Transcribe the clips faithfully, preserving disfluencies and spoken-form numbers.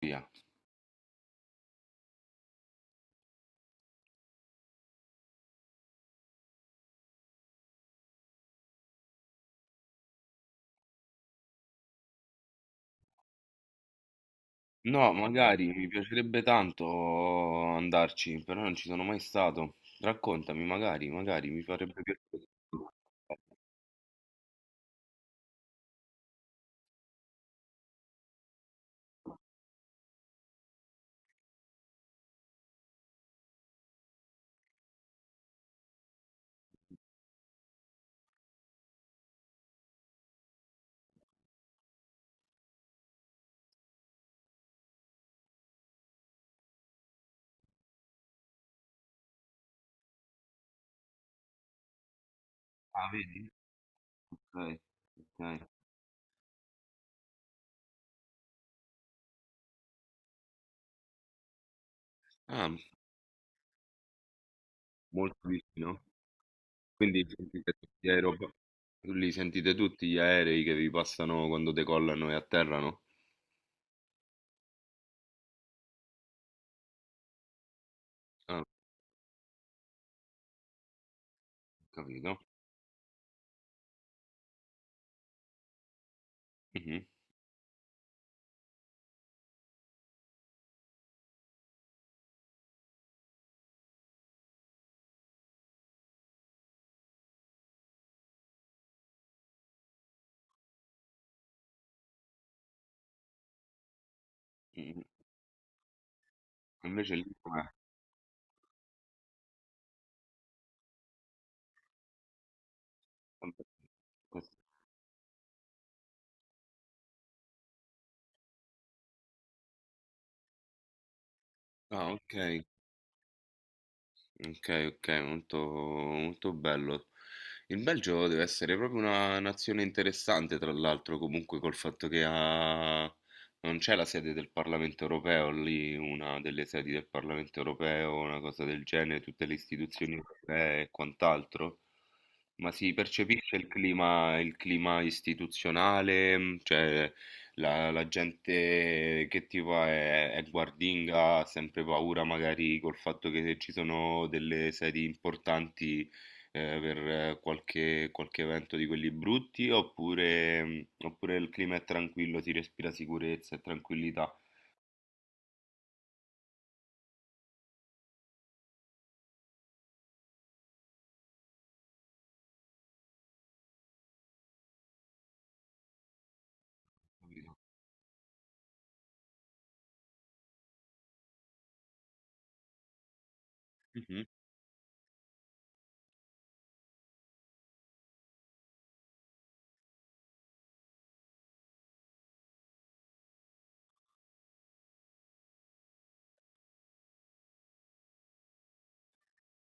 Via. No, magari mi piacerebbe tanto andarci, però non ci sono mai stato. Raccontami, magari, magari mi farebbe piacere. Ah, vedi? Ok, ok. Ah, molto vicino. Quindi sentite tutti gli aerop- Lì sentite tutti gli aerei che vi passano quando decollano e atterrano? Ah, capito. Mhm, mhm. Invece lì com'è? Vabbè, questo- Ah, ok, ok, ok, molto, molto bello. Il Belgio deve essere proprio una nazione interessante, tra l'altro, comunque col fatto che ha... non c'è la sede del Parlamento europeo lì, una delle sedi del Parlamento europeo, una cosa del genere, tutte le istituzioni europee e quant'altro, ma si percepisce il clima, il clima istituzionale, mh, cioè la, la gente che tipo è, è guardinga, ha sempre paura magari col fatto che ci sono delle sedi importanti eh, per eh, qualche, qualche evento di quelli brutti oppure, mh, oppure il clima è tranquillo, si respira sicurezza e tranquillità. Capito? Mhm.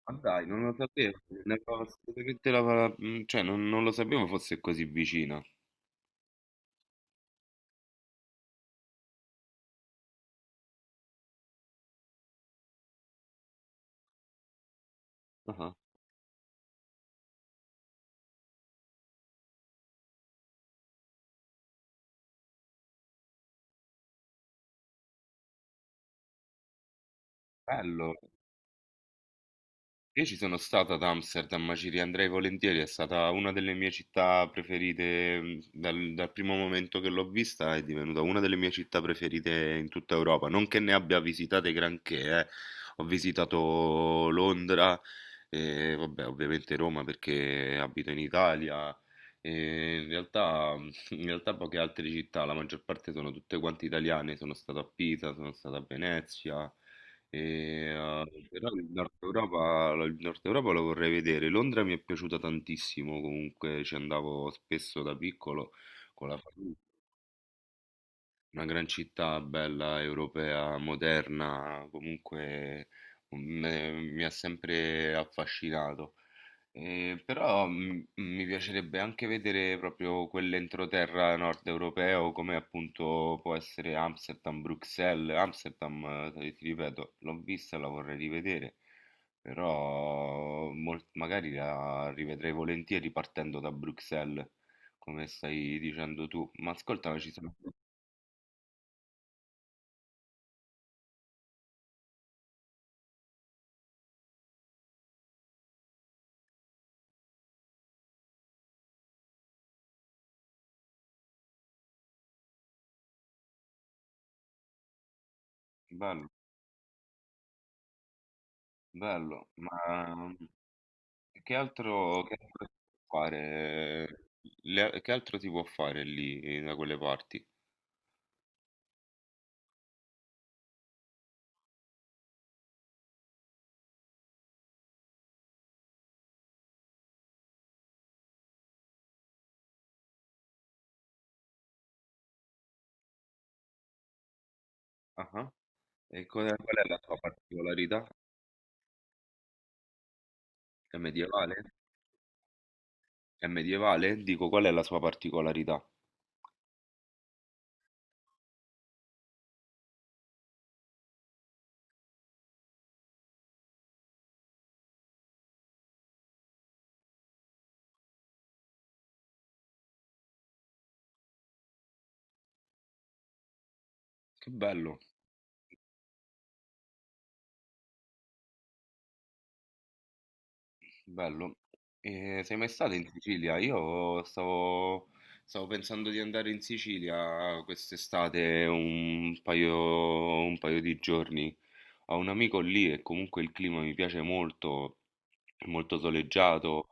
Ma dai, non lo sapevo, ne avevo assolutamente la- mh, cioè non, non lo sapevo fosse così vicina. Ah, bello. Io ci sono stato ad Amsterdam, ma ci riandrei volentieri, è stata una delle mie città preferite mh, dal, dal primo momento che l'ho vista, è divenuta una delle mie città preferite in tutta Europa, non che ne abbia visitate granché, eh. Ho visitato Londra, e, vabbè, ovviamente Roma perché abito in Italia, e in realtà, in realtà poche altre città, la maggior parte sono tutte quante italiane, sono stato a Pisa, sono stato a Venezia. E, eh, però il Nord Europa, il Nord Europa lo vorrei vedere. Londra mi è piaciuta tantissimo, comunque ci andavo spesso da piccolo con la famiglia. Una gran città bella, europea, moderna, comunque mm, eh, mi ha sempre affascinato. Eh, però mh, mi piacerebbe anche vedere proprio quell'entroterra nord europeo come appunto può essere Amsterdam, Bruxelles. Amsterdam, eh, ti ripeto, l'ho vista, la vorrei rivedere, però mol- magari la rivedrei volentieri partendo da Bruxelles, come stai dicendo tu. Ma ascoltami, ci sono... Bello, bello, ma che altro, che altro si può fare? Le- che altro si può fare lì da quelle parti? Ah-ah. E qual è qual è la sua particolarità? È medievale? È medievale? Dico, qual è la sua particolarità? Che bello, bello. E sei mai stato in Sicilia? Io stavo, stavo pensando di andare in Sicilia quest'estate un paio, un paio di giorni. Ho un amico lì e comunque il clima mi piace molto, è molto soleggiato.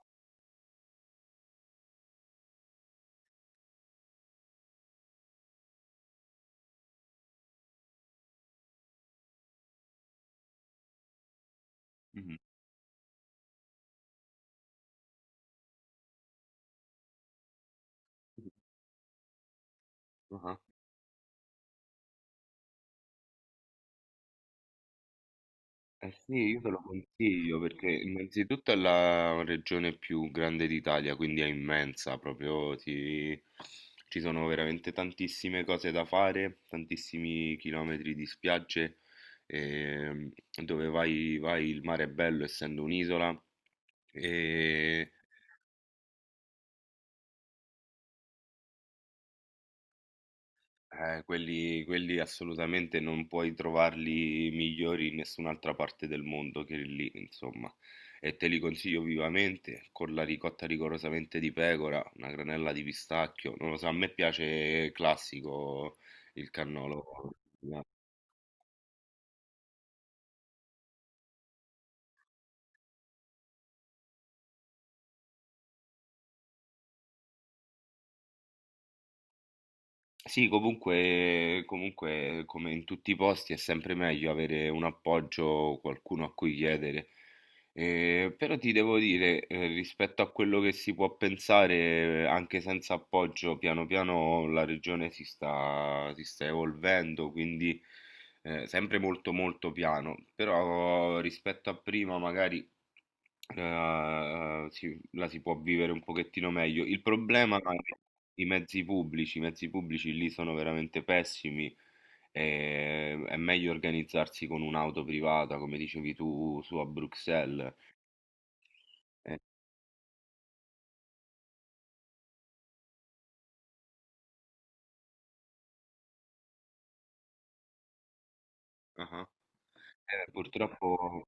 Mhm. Ah. Eh sì, io te lo consiglio perché innanzitutto è la regione più grande d'Italia, quindi è immensa, proprio ti- ci sono veramente tantissime cose da fare, tantissimi chilometri di spiagge, ehm, dove vai, vai il mare è bello essendo un'isola, e Eh, quelli quelli assolutamente non puoi trovarli migliori in nessun'altra parte del mondo che lì, insomma. E te li consiglio vivamente, con la ricotta rigorosamente di pecora, una granella di pistacchio. Non lo so, a me piace classico il cannolo. Sì, comunque, comunque, come in tutti i posti, è sempre meglio avere un appoggio, qualcuno a cui chiedere. Eh, però ti devo dire, eh, rispetto a quello che si può pensare, eh, anche senza appoggio, piano piano la regione si sta, si sta evolvendo, quindi eh, sempre molto molto piano. Però rispetto a prima, magari eh, eh, si- la si può vivere un pochettino meglio. Il problema è i mezzi pubblici, i mezzi pubblici lì sono veramente pessimi. E è meglio organizzarsi con un'auto privata, come dicevi tu, su a Bruxelles. Eh, ah. Eh, purtroppo,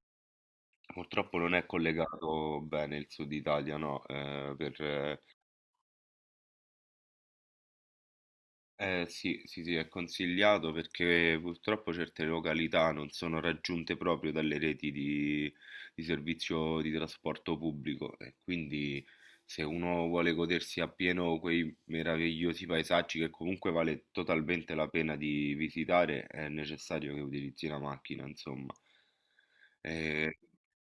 purtroppo non è collegato bene il sud Italia, no? eh, per, eh, Eh sì, sì, sì, è consigliato perché purtroppo certe località non sono raggiunte proprio dalle reti di, di servizio di trasporto pubblico e quindi se uno vuole godersi appieno quei meravigliosi paesaggi che comunque vale totalmente la pena di visitare, è necessario che utilizzi la macchina, insomma. E,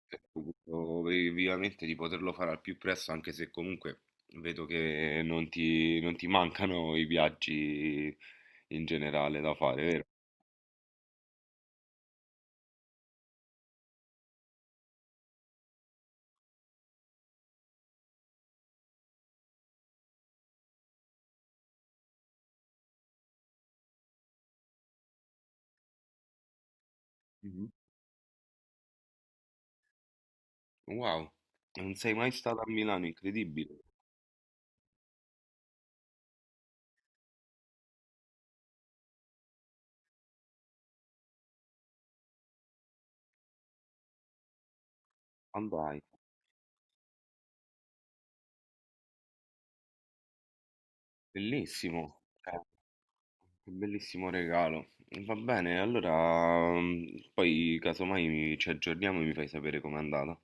e auguro vi- vivamente di poterlo fare al più presto, anche se comunque vedo che non ti, non ti mancano i viaggi in generale da fare, vero? Mhm. Wow, non sei mai stato a Milano, incredibile. Andai, bellissimo, eh, che bellissimo regalo. Va bene, allora mm, poi casomai mi- ci aggiorniamo e mi fai sapere com'è andata.